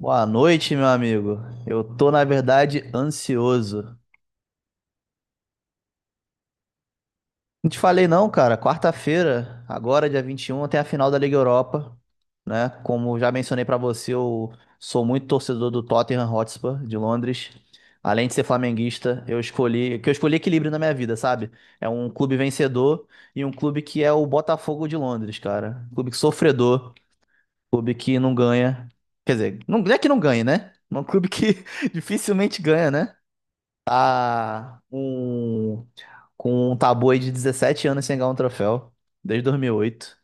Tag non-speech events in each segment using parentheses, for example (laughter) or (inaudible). Boa noite, meu amigo. Eu tô, na verdade, ansioso. Não te falei não, cara. Quarta-feira, agora, dia 21, tem a final da Liga Europa, né? Como já mencionei pra você, eu sou muito torcedor do Tottenham Hotspur de Londres. Além de ser flamenguista, que eu escolhi equilíbrio na minha vida, sabe? É um clube vencedor e um clube que é o Botafogo de Londres, cara. Um clube que sofredor, um clube que não ganha. Quer dizer, não é que não ganha, né? Um clube que (laughs) dificilmente ganha, né? Tá um, com um tabu aí de 17 anos sem ganhar um troféu, desde 2008. E oito.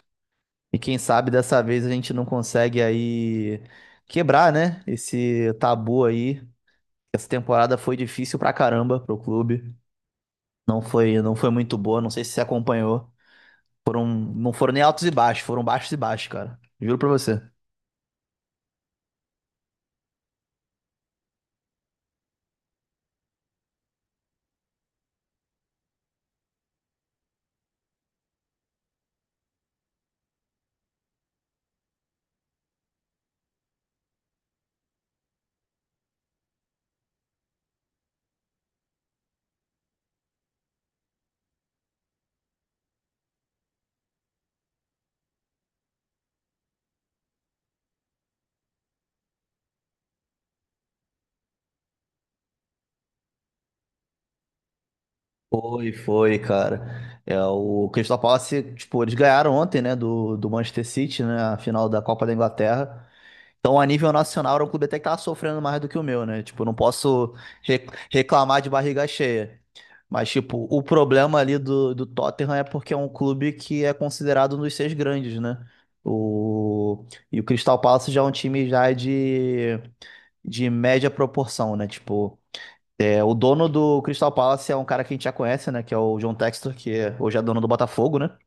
E quem sabe dessa vez a gente não consegue aí quebrar, né? Esse tabu aí. Essa temporada foi difícil pra caramba pro clube. Não foi muito boa, não sei se você acompanhou. Não foram nem altos e baixos, foram baixos e baixos, cara. Juro pra você. Foi, foi, cara. É, o Crystal Palace, tipo, eles ganharam ontem, né, do Manchester City, né, a final da Copa da Inglaterra. Então, a nível nacional, era um clube até que tava sofrendo mais do que o meu, né? Tipo, não posso re- reclamar de barriga cheia. Mas, tipo, o problema ali do Tottenham é porque é um clube que é considerado um dos seis grandes, né? O... E o Crystal Palace já é um time já de média proporção, né? Tipo, o dono do Crystal Palace é um cara que a gente já conhece, né? Que é o John Textor. Hoje é dono do Botafogo, né?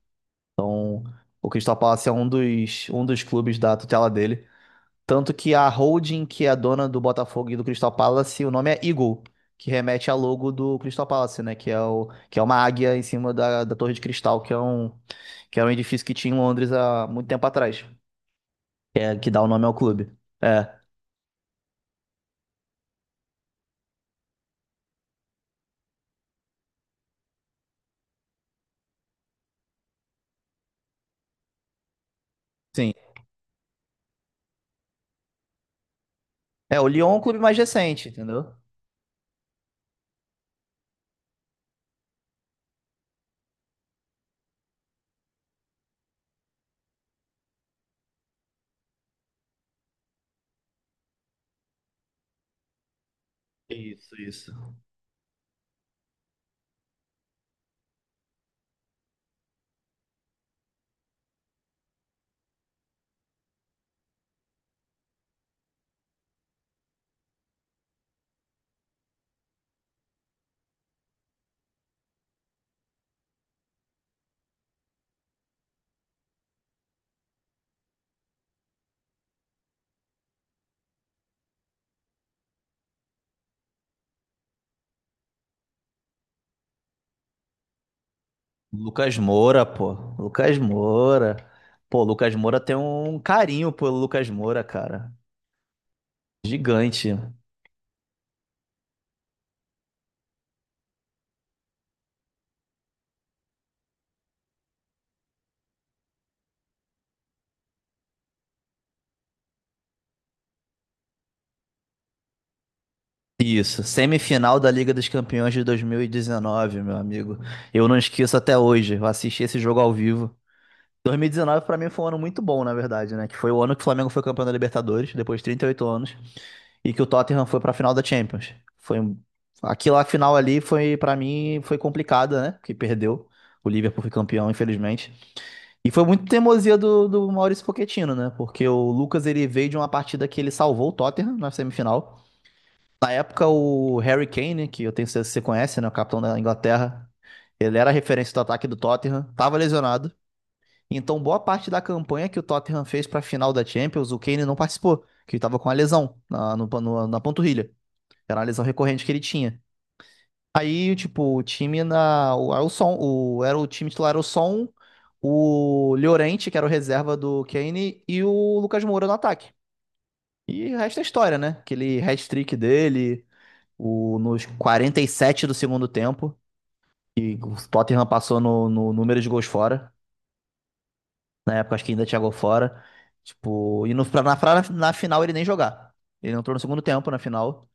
O Crystal Palace é um dos clubes da tutela dele. Tanto que a holding que é a dona do Botafogo e do Crystal Palace, o nome é Eagle, que remete ao logo do Crystal Palace, né? Que é uma águia em cima da Torre de Cristal, que era um edifício que tinha em Londres há muito tempo atrás, que dá o nome ao clube. É, sim. É, o Lyon é um clube mais recente, entendeu? Isso, isso. Lucas Moura, pô. Lucas Moura. Pô, Lucas Moura tem um carinho pelo Lucas Moura, cara. Gigante. Isso, semifinal da Liga dos Campeões de 2019, meu amigo. Eu não esqueço até hoje, eu assisti esse jogo ao vivo. 2019 pra mim foi um ano muito bom, na verdade, né? Que foi o ano que o Flamengo foi campeão da Libertadores, depois de 38 anos, e que o Tottenham foi pra final da Champions. Foi um- Aquela final ali foi pra mim foi complicada, né? Porque perdeu. O Liverpool foi campeão, infelizmente. E foi muito teimosia do Maurício Pochettino, né? Porque o Lucas ele veio de uma partida que ele salvou o Tottenham na semifinal. Na época, o Harry Kane, né, que eu tenho certeza que você conhece, né? O capitão da Inglaterra, ele era a referência do ataque do Tottenham, estava lesionado. Então, boa parte da campanha que o Tottenham fez para a final da Champions, o Kane não participou, que ele estava com a lesão na, no- no- na panturrilha. Era uma lesão recorrente que ele tinha. Aí, tipo, o time na. O, era o Son, o, era o time titular, era o Son, o Llorente, que era o reserva do Kane, e o Lucas Moura no ataque. E o resto é história, né? Aquele hat-trick dele nos 47 do segundo tempo, e o Tottenham passou no número de gols fora. Na época, acho que ainda tinha gol fora. Tipo, e no, pra, na, pra- Na final ele nem jogar. Ele entrou no segundo tempo na final.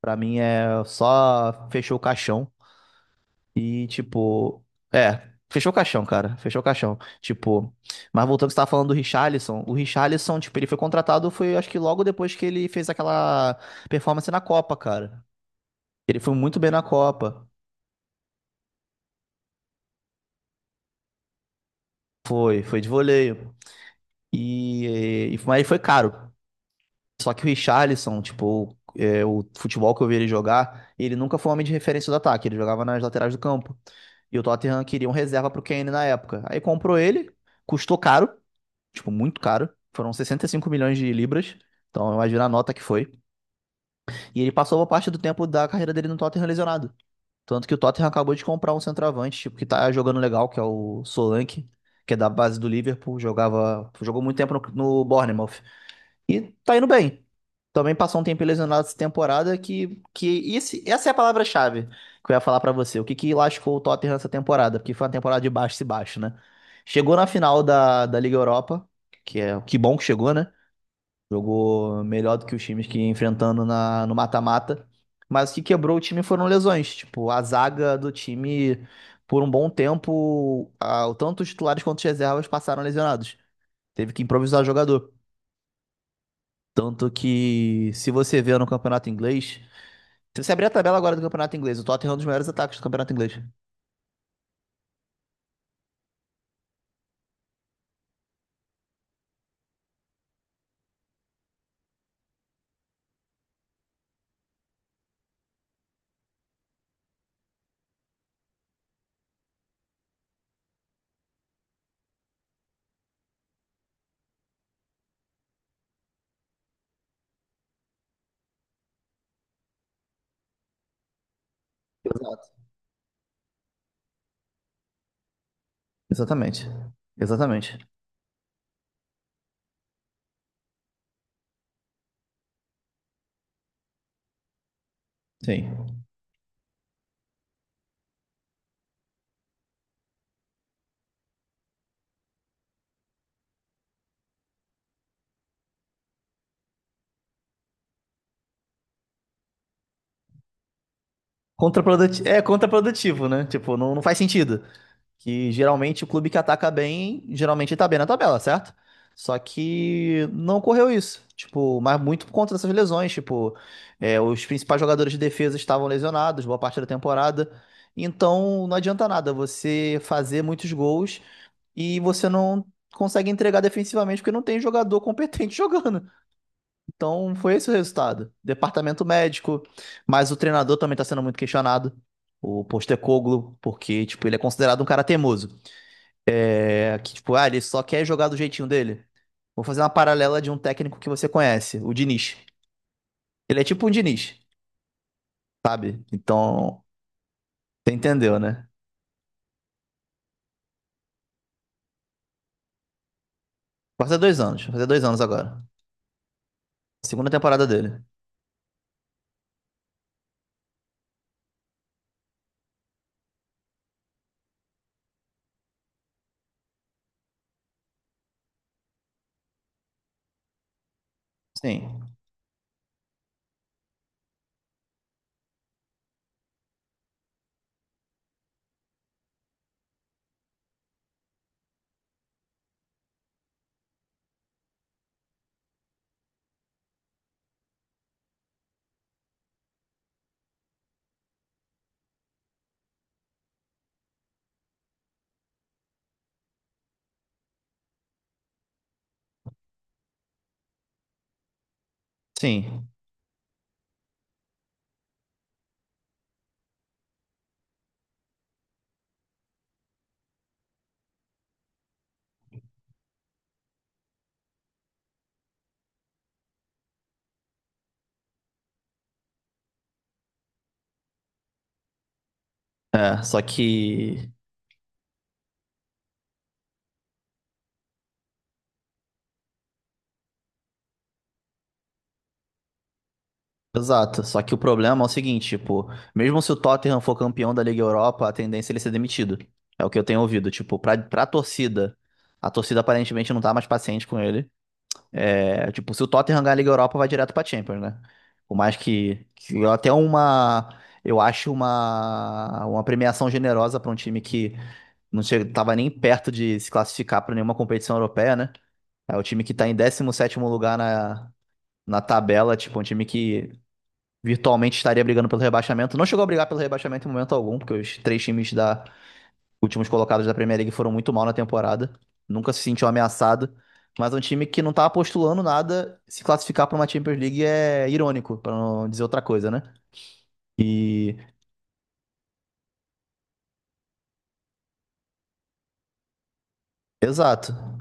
Pra mim é só fechou o caixão. E, tipo, fechou o caixão, cara. Fechou o caixão. Tipo, mas voltando ao que você tava falando do Richarlison. O Richarlison, tipo, ele foi contratado, foi acho que logo depois que ele fez aquela performance na Copa, cara. Ele foi muito bem na Copa. Foi, foi de voleio. E mas ele foi caro. Só que o Richarlison, tipo, o futebol que eu vi ele jogar, ele nunca foi um homem de referência do ataque, ele jogava nas laterais do campo. E o Tottenham queria um reserva pro Kane na época. Aí comprou ele, custou caro, tipo, muito caro. Foram 65 milhões de libras. Então, imagina a nota que foi. E ele passou boa parte do tempo da carreira dele no Tottenham lesionado. Tanto que o Tottenham acabou de comprar um centroavante, tipo, que tá jogando legal, que é o Solanke, que é da base do Liverpool, jogou muito tempo no Bournemouth. E tá indo bem. Também passou um tempo lesionado essa temporada essa é a palavra-chave que eu ia falar pra você. O que que lascou o Tottenham essa temporada? Porque foi uma temporada de baixo e baixo, né? Chegou na final da Liga Europa, que bom que chegou, né? Jogou melhor do que os times que ia enfrentando no mata-mata. Mas o que quebrou o time foram lesões. Tipo, a zaga do time, por um bom tempo, tanto os titulares quanto os reservas passaram lesionados. Teve que improvisar jogador. Tanto que, se você vê no campeonato inglês, se você abrir a tabela agora do campeonato inglês, o Tottenham é um dos maiores ataques do campeonato inglês. Exato. Exatamente. Exatamente. Sim. Contraprodutivo, é contraprodutivo, né? Tipo, não, não faz sentido. Que geralmente o clube que ataca bem, geralmente tá bem na tabela, certo? Só que não ocorreu isso. Tipo, mas muito por conta dessas lesões. Tipo, os principais jogadores de defesa estavam lesionados boa parte da temporada. Então não adianta nada você fazer muitos gols e você não consegue entregar defensivamente porque não tem jogador (laughs) competente jogando. Então foi esse o resultado. Departamento médico, mas o treinador também está sendo muito questionado. O Postecoglou, porque, tipo, ele é considerado um cara teimoso. É que, tipo, ah, ele só quer jogar do jeitinho dele. Vou fazer uma paralela de um técnico que você conhece, o Diniz. Ele é tipo um Diniz, sabe? Então, você entendeu, né? Vai fazer 2 anos agora. Segunda temporada dele. Sim, sim. É, só que Exato, só que o problema é o seguinte, tipo, mesmo se o Tottenham for campeão da Liga Europa, a tendência é ele ser demitido. É o que eu tenho ouvido, tipo, pra torcida, a torcida aparentemente não tá mais paciente com ele. É, tipo, se o Tottenham ganhar a Liga Europa, vai direto pra Champions, né? Por mais que eu acho uma premiação generosa pra um time que tava nem perto de se classificar pra nenhuma competição europeia, né? É o time que tá em 17º lugar na tabela, tipo, um time que virtualmente estaria brigando pelo rebaixamento. Não chegou a brigar pelo rebaixamento em momento algum, porque os três times da últimos colocados da Premier League foram muito mal na temporada. Nunca se sentiu ameaçado. Mas é um time que não tá postulando nada. Se classificar para uma Champions League é irônico, para não dizer outra coisa, né? E. Exato.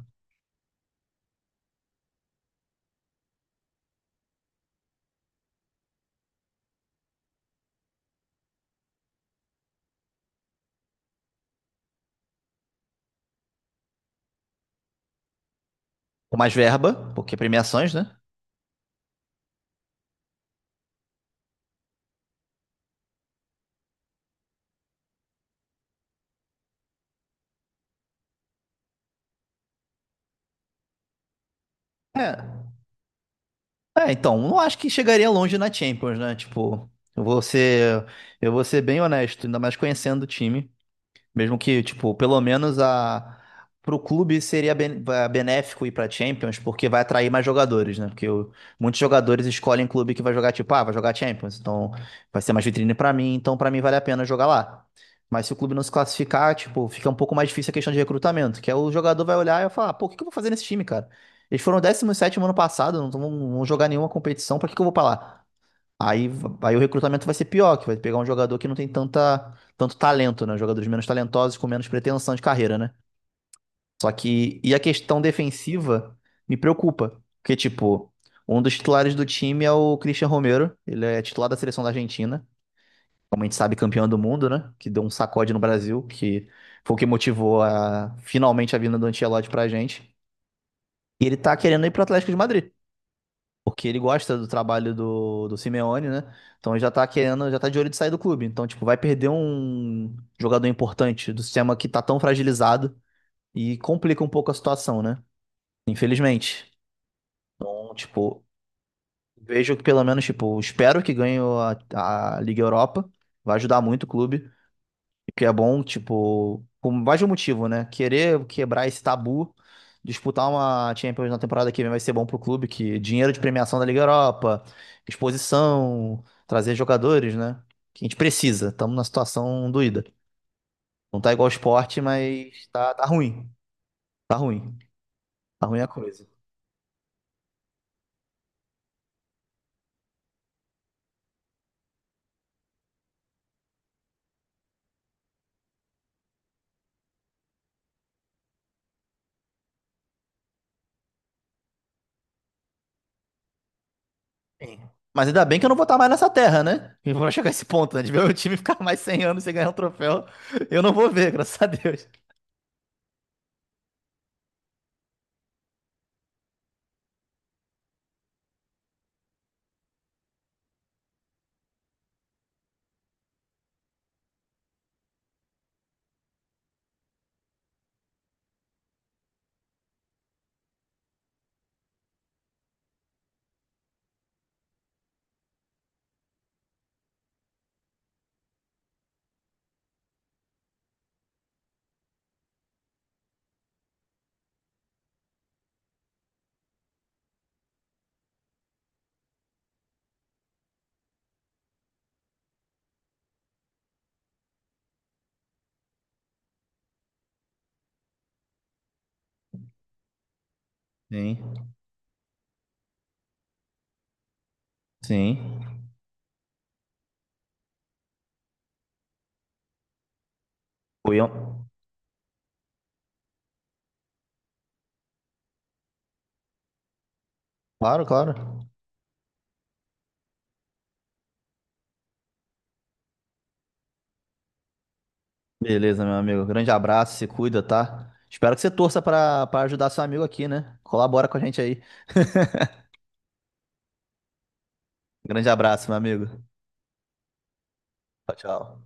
Com mais verba, porque premiações, né? É. É, então, não acho que chegaria longe na Champions, né? Tipo, eu vou ser, eu vou ser bem honesto, ainda mais conhecendo o time. Mesmo que, tipo, pelo menos a pro clube seria benéfico ir pra Champions, porque vai atrair mais jogadores, né? Porque muitos jogadores escolhem clube que vai jogar, tipo, ah, vai jogar Champions, então vai ser mais vitrine pra mim, então pra mim vale a pena jogar lá. Mas se o clube não se classificar, tipo, fica um pouco mais difícil a questão de recrutamento, que é o jogador vai olhar e vai falar, pô, o que que eu vou fazer nesse time, cara? Eles foram 17º ano passado, não vão jogar nenhuma competição, pra que que eu vou pra lá? Aí, aí o recrutamento vai ser pior, que vai pegar um jogador que não tem tanto talento, né? Jogadores menos talentosos com menos pretensão de carreira, né? Só que, e a questão defensiva me preocupa, porque, tipo, um dos titulares do time é o Christian Romero, ele é titular da seleção da Argentina, como a gente sabe, campeão do mundo, né? Que deu um sacode no Brasil, que foi o que motivou finalmente a vinda do Ancelotti pra gente. E ele tá querendo ir pro Atlético de Madrid. Porque ele gosta do trabalho do Simeone, né? Então ele já tá querendo, já tá de olho de sair do clube. Então, tipo, vai perder um jogador importante do sistema que tá tão fragilizado e complica um pouco a situação, né? Infelizmente. Então, tipo, vejo que pelo menos, tipo, espero que ganhe a Liga Europa. Vai ajudar muito o clube. Que é bom, tipo, por mais de um motivo, né? Querer quebrar esse tabu, disputar uma Champions na temporada que vem vai ser bom pro clube, que dinheiro de premiação da Liga Europa, exposição, trazer jogadores, né? Que a gente precisa. Estamos numa situação doída. Não tá igual ao esporte, mas tá, tá ruim. Tá ruim. Tá ruim a coisa. Sim. Mas ainda bem que eu não vou estar mais nessa terra, né? E vou chegar a esse ponto, né? De ver o time ficar mais 100 anos sem ganhar um troféu, eu não vou ver, graças a Deus. Sim, sim. Fui eu. Claro, claro. Beleza, meu amigo. Grande abraço, se cuida, tá? Espero que você torça pra para ajudar seu amigo aqui, né? Colabora com a gente aí. Grande abraço, meu amigo. Tchau, tchau.